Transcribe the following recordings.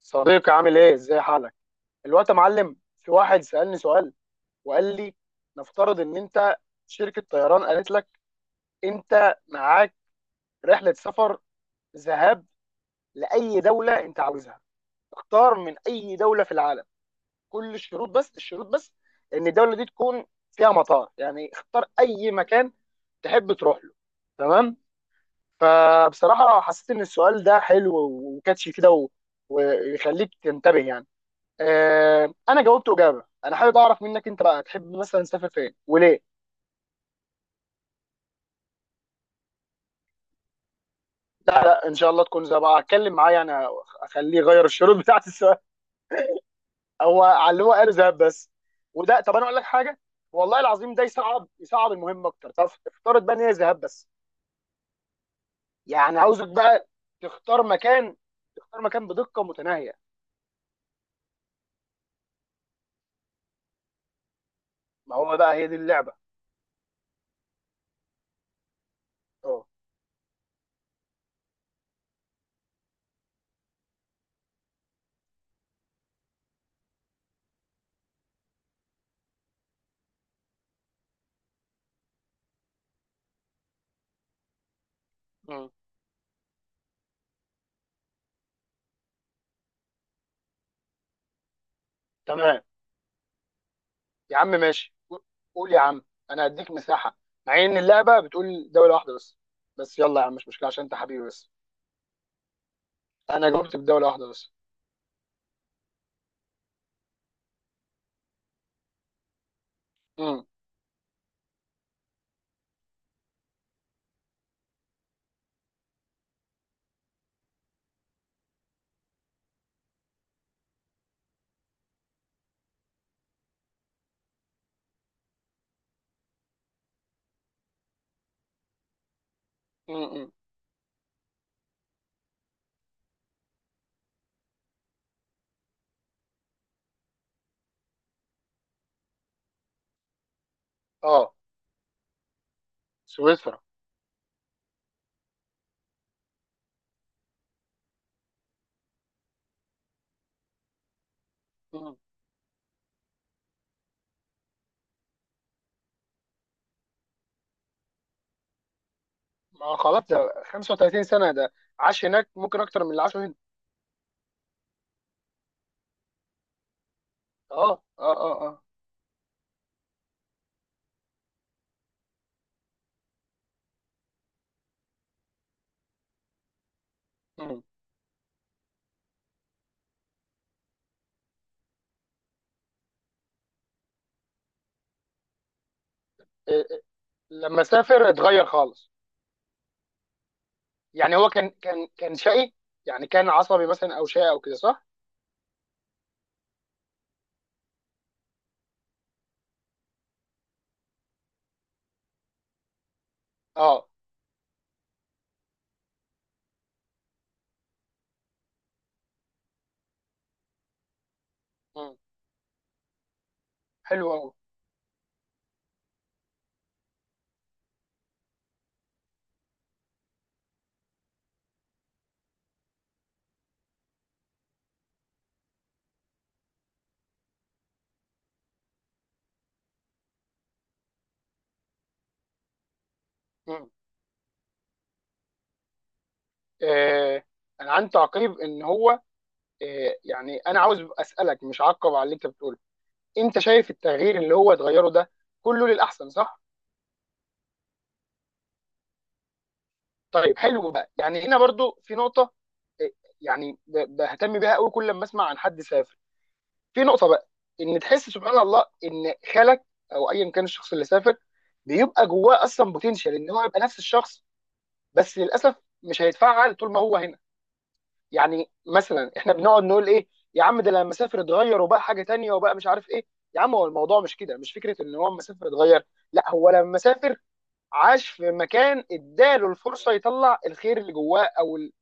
صديقي، عامل ايه؟ ازاي حالك الوقت يا معلم؟ في واحد سألني سؤال وقال لي: نفترض ان انت شركة طيران قالت لك انت معاك رحلة سفر ذهاب لأي دولة انت عاوزها، اختار من اي دولة في العالم. كل الشروط، بس الشروط بس ان الدولة دي تكون فيها مطار، يعني اختار اي مكان تحب تروح له. تمام. فبصراحة حسيت ان السؤال ده حلو وكاتشي كده ويخليك تنتبه يعني. انا جاوبت اجابه. انا حابب اعرف منك انت بقى، تحب مثلا تسافر فين وليه؟ لا لا، ان شاء الله تكون زي بقى، اتكلم معاه يعني، اخليه يغير الشروط بتاعت السؤال. هو علمه قال ذهب بس. وده طب انا اقول لك حاجه، والله العظيم ده يصعب، يصعب المهم اكتر. طب افترض بقى ان هي ذهاب بس. يعني عاوزك بقى تختار مكان، تختار مكان بدقه متناهيه. ما هو بقى هي دي اللعبه. اه، مم. تمام يا عم، ماشي. قول يا عم، انا هديك مساحه، مع ان اللعبه بتقول دوله واحده بس، بس يلا يا عم مش مشكله عشان انت حبيبي، بس انا جاوبت بدوله واحده بس. امم، امم، اه، سويسرا، امم. ما خلاص ده 35 سنه، ده عاش هناك ممكن اكتر من اللي عاشه هنا. اه، اه، اه، اه، مم. إيه، إيه. لما سافر اتغير خالص. يعني هو كان شقي، يعني كان عصبي مثلا، او شقي او كده، صح؟ اه، مم. حلو قوي. آه انا عندي تعقيب ان هو، يعني انا عاوز اسالك، مش عقب على اللي انت بتقوله. انت شايف التغيير اللي هو اتغيره ده كله للاحسن، صح؟ طيب حلو بقى، يعني هنا برضو في نقطه، إيه، يعني بهتم بيها قوي كل لما اسمع عن حد سافر. في نقطه بقى، ان تحس سبحان الله ان خالك او ايا كان الشخص اللي سافر، بيبقى جواه اصلا بوتنشال ان هو يبقى نفس الشخص، بس للاسف مش هيتفعل طول ما هو هنا. يعني مثلا احنا بنقعد نقول ايه، يا عم ده لما سافر اتغير وبقى حاجه تانية وبقى مش عارف ايه. يا عم، هو الموضوع مش كده، مش فكره ان هو لما سافر اتغير، لا، هو لما سافر عاش في مكان اداله الفرصه يطلع الخير اللي جواه، او ال...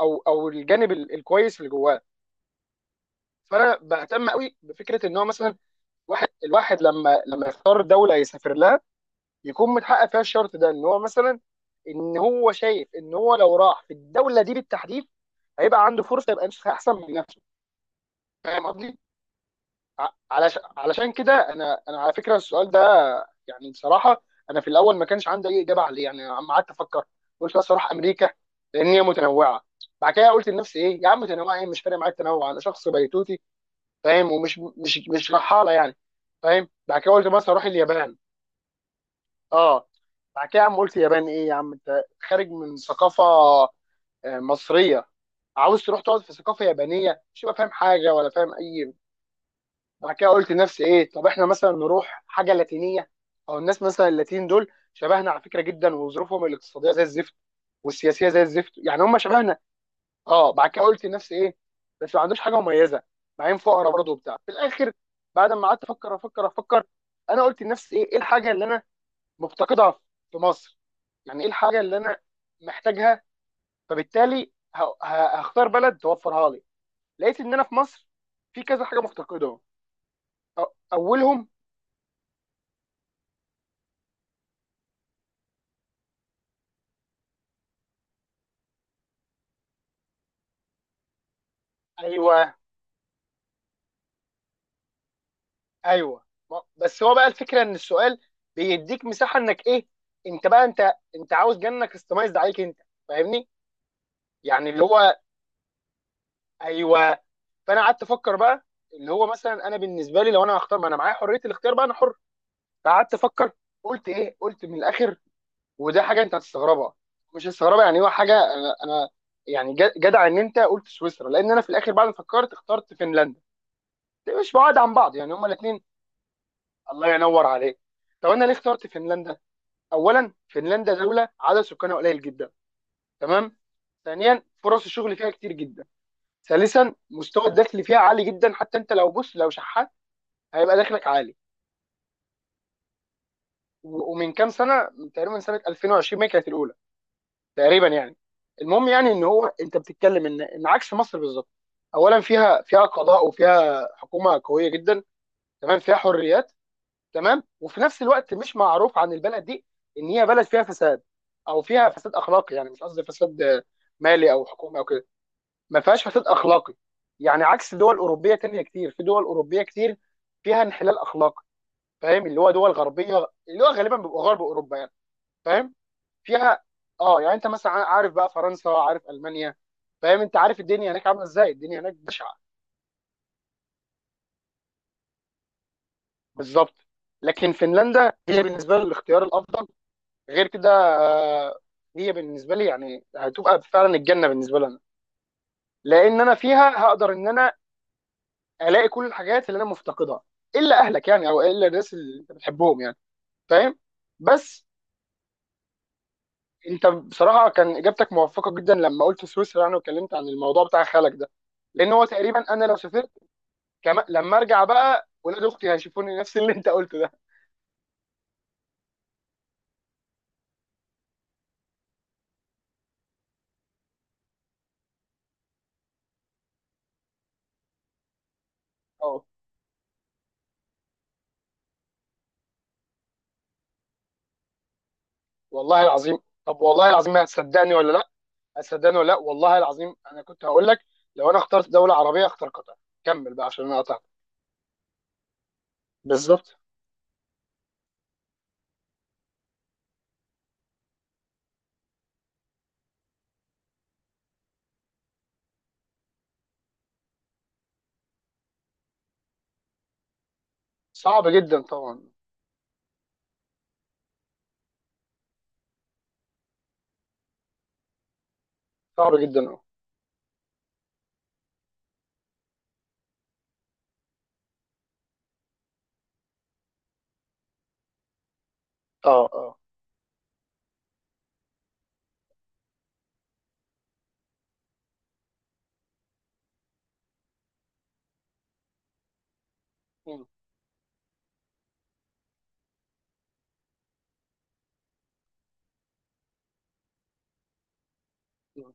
او الجانب الكويس اللي جواه. فانا بهتم قوي بفكره ان هو مثلا، الواحد لما يختار دوله يسافر لها، يكون متحقق فيها الشرط ده، ان هو مثلا، ان هو شايف ان هو لو راح في الدوله دي بالتحديد هيبقى عنده فرصه يبقى نسخه احسن من نفسه. فاهم قصدي؟ علشان كده انا، على فكره السؤال ده، يعني بصراحه انا في الاول ما كانش عندي اي اجابه عليه، يعني عم قعدت افكر، قلت لا، الصراحه امريكا، لان هي متنوعه. بعد كده قلت لنفسي ايه يا عم، متنوعه ايه؟ مش فارق معايا التنوع، انا شخص بيتوتي، فاهم، ومش مش رحاله يعني. فاهم. بعد كده قلت مثلا اروح اليابان، اه. بعد كده يا عم قلت اليابان ايه يا عم، انت خارج من ثقافه مصريه، عاوز تروح تقعد في ثقافه يابانيه، مش هتبقى فاهم حاجه ولا فاهم اي. بعد كده قلت لنفسي ايه، طب احنا مثلا نروح حاجه لاتينيه، او الناس مثلا اللاتين دول شبهنا على فكره جدا، وظروفهم الاقتصاديه زي الزفت والسياسيه زي الزفت، يعني هم شبهنا. اه. بعد كده قلت لنفسي ايه، بس ما عندوش حاجه مميزه معين، فقره برضه وبتاع في الاخر. بعد ما قعدت افكر افكر افكر، انا قلت لنفسي ايه، الحاجه اللي انا مفتقدها في مصر، يعني ايه الحاجه اللي انا محتاجها، فبالتالي هختار بلد توفرها لي. لقيت ان انا في مصر في كذا حاجه مفتقدهم. أو- اولهم، ايوه، ايوه. بس هو بقى الفكره ان السؤال بيديك مساحه انك ايه، انت بقى، انت عاوز جنك كاستمايزد عليك انت، فاهمني؟ يعني اللي هو، ايوه. فانا قعدت افكر بقى، اللي هو مثلا انا بالنسبه لي، لو انا هختار، ما انا معايا حريه الاختيار بقى، انا حر. فقعدت افكر، قلت ايه، قلت من الاخر، وده حاجه انت هتستغربها، مش هتستغربها، يعني هو حاجه انا، يعني جدع ان انت قلت سويسرا، لان انا في الاخر بعد ما فكرت اخترت فنلندا. مش بعاد عن بعض يعني، هما الاثنين. الله ينور عليك. طب انا ليه اخترت فنلندا؟ اولا، فنلندا دوله عدد سكانها قليل جدا، تمام. ثانيا، فرص الشغل فيها كتير جدا. ثالثا، مستوى الدخل فيها عالي جدا، حتى انت لو بص لو شحات هيبقى دخلك عالي. ومن كام سنه تقريبا، سنه 2020، ما هي كانت الاولى تقريبا يعني. المهم يعني ان هو، انت بتتكلم ان عكس مصر بالظبط. اولا، فيها قضاء وفيها حكومه قويه جدا، تمام. فيها حريات، تمام. وفي نفس الوقت مش معروف عن البلد دي ان هي بلد فيها فساد، او فيها فساد اخلاقي. يعني مش قصدي فساد مالي او حكومي او كده، ما فيهاش فساد اخلاقي، يعني عكس دول اوروبيه تانية كتير. في دول اوروبيه كتير فيها انحلال اخلاقي، فاهم؟ اللي هو دول غربيه، اللي هو غالبا بيبقى غرب اوروبا يعني، فاهم؟ فيها اه، يعني انت مثلا عارف بقى فرنسا، عارف المانيا، فاهم؟ انت عارف الدنيا هناك عامله ازاي، الدنيا هناك بشعه. بالظبط. لكن فنلندا هي بالنسبه لي الاختيار الافضل. غير كده هي بالنسبه لي يعني هتبقى فعلا الجنه بالنسبه لنا، لان انا فيها هقدر ان انا الاقي كل الحاجات اللي انا مفتقدها، الا اهلك يعني، او الا الناس اللي انت بتحبهم يعني، فاهم. بس انت بصراحه كان اجابتك موفقه جدا لما قلت سويسرا، يعني واتكلمت عن الموضوع بتاع خالك ده، لان هو تقريبا انا لو سافرت كما، لما ارجع بقى، ولاد اختي هيشوفوني نفس اللي انت قلته ده. اه، والله العظيم، طب والله العظيم ما هتصدقني ولا لا، صدقني ولا لا، والله العظيم انا كنت هقول لك لو انا اخترت دوله عربيه اختار قطر. كمل بقى عشان انا قطعت. بالظبط. صعب جدا طبعا، صعب جدا، اه، اه، اه، مم. مم.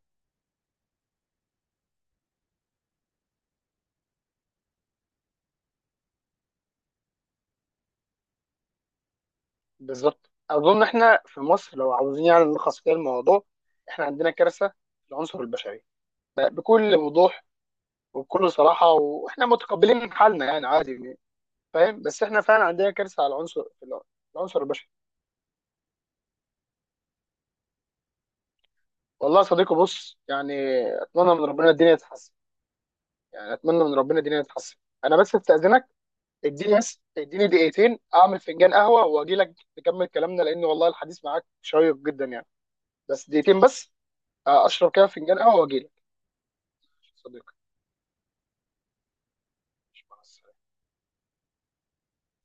بالظبط. اظن احنا في مصر، لو عاوزين يعني نلخص كده الموضوع، احنا عندنا كارثه في العنصر البشري، بكل وضوح وبكل صراحه، واحنا متقبلين حالنا يعني، عادي يعني. فاهم؟ بس احنا فعلا عندنا كارثه على العنصر في العنصر البشري. والله يا صديقي، بص يعني، اتمنى من ربنا الدنيا تتحسن، يعني اتمنى من ربنا الدنيا تتحسن. انا بس استاذنك، اديني بس، اديني دقيقتين اعمل فنجان قهوه واجي لك نكمل كلامنا، لان والله الحديث معاك شيق جدا يعني. بس دقيقتين بس، اشرب كده فنجان قهوه واجي لك. صديقي، مع السلامة.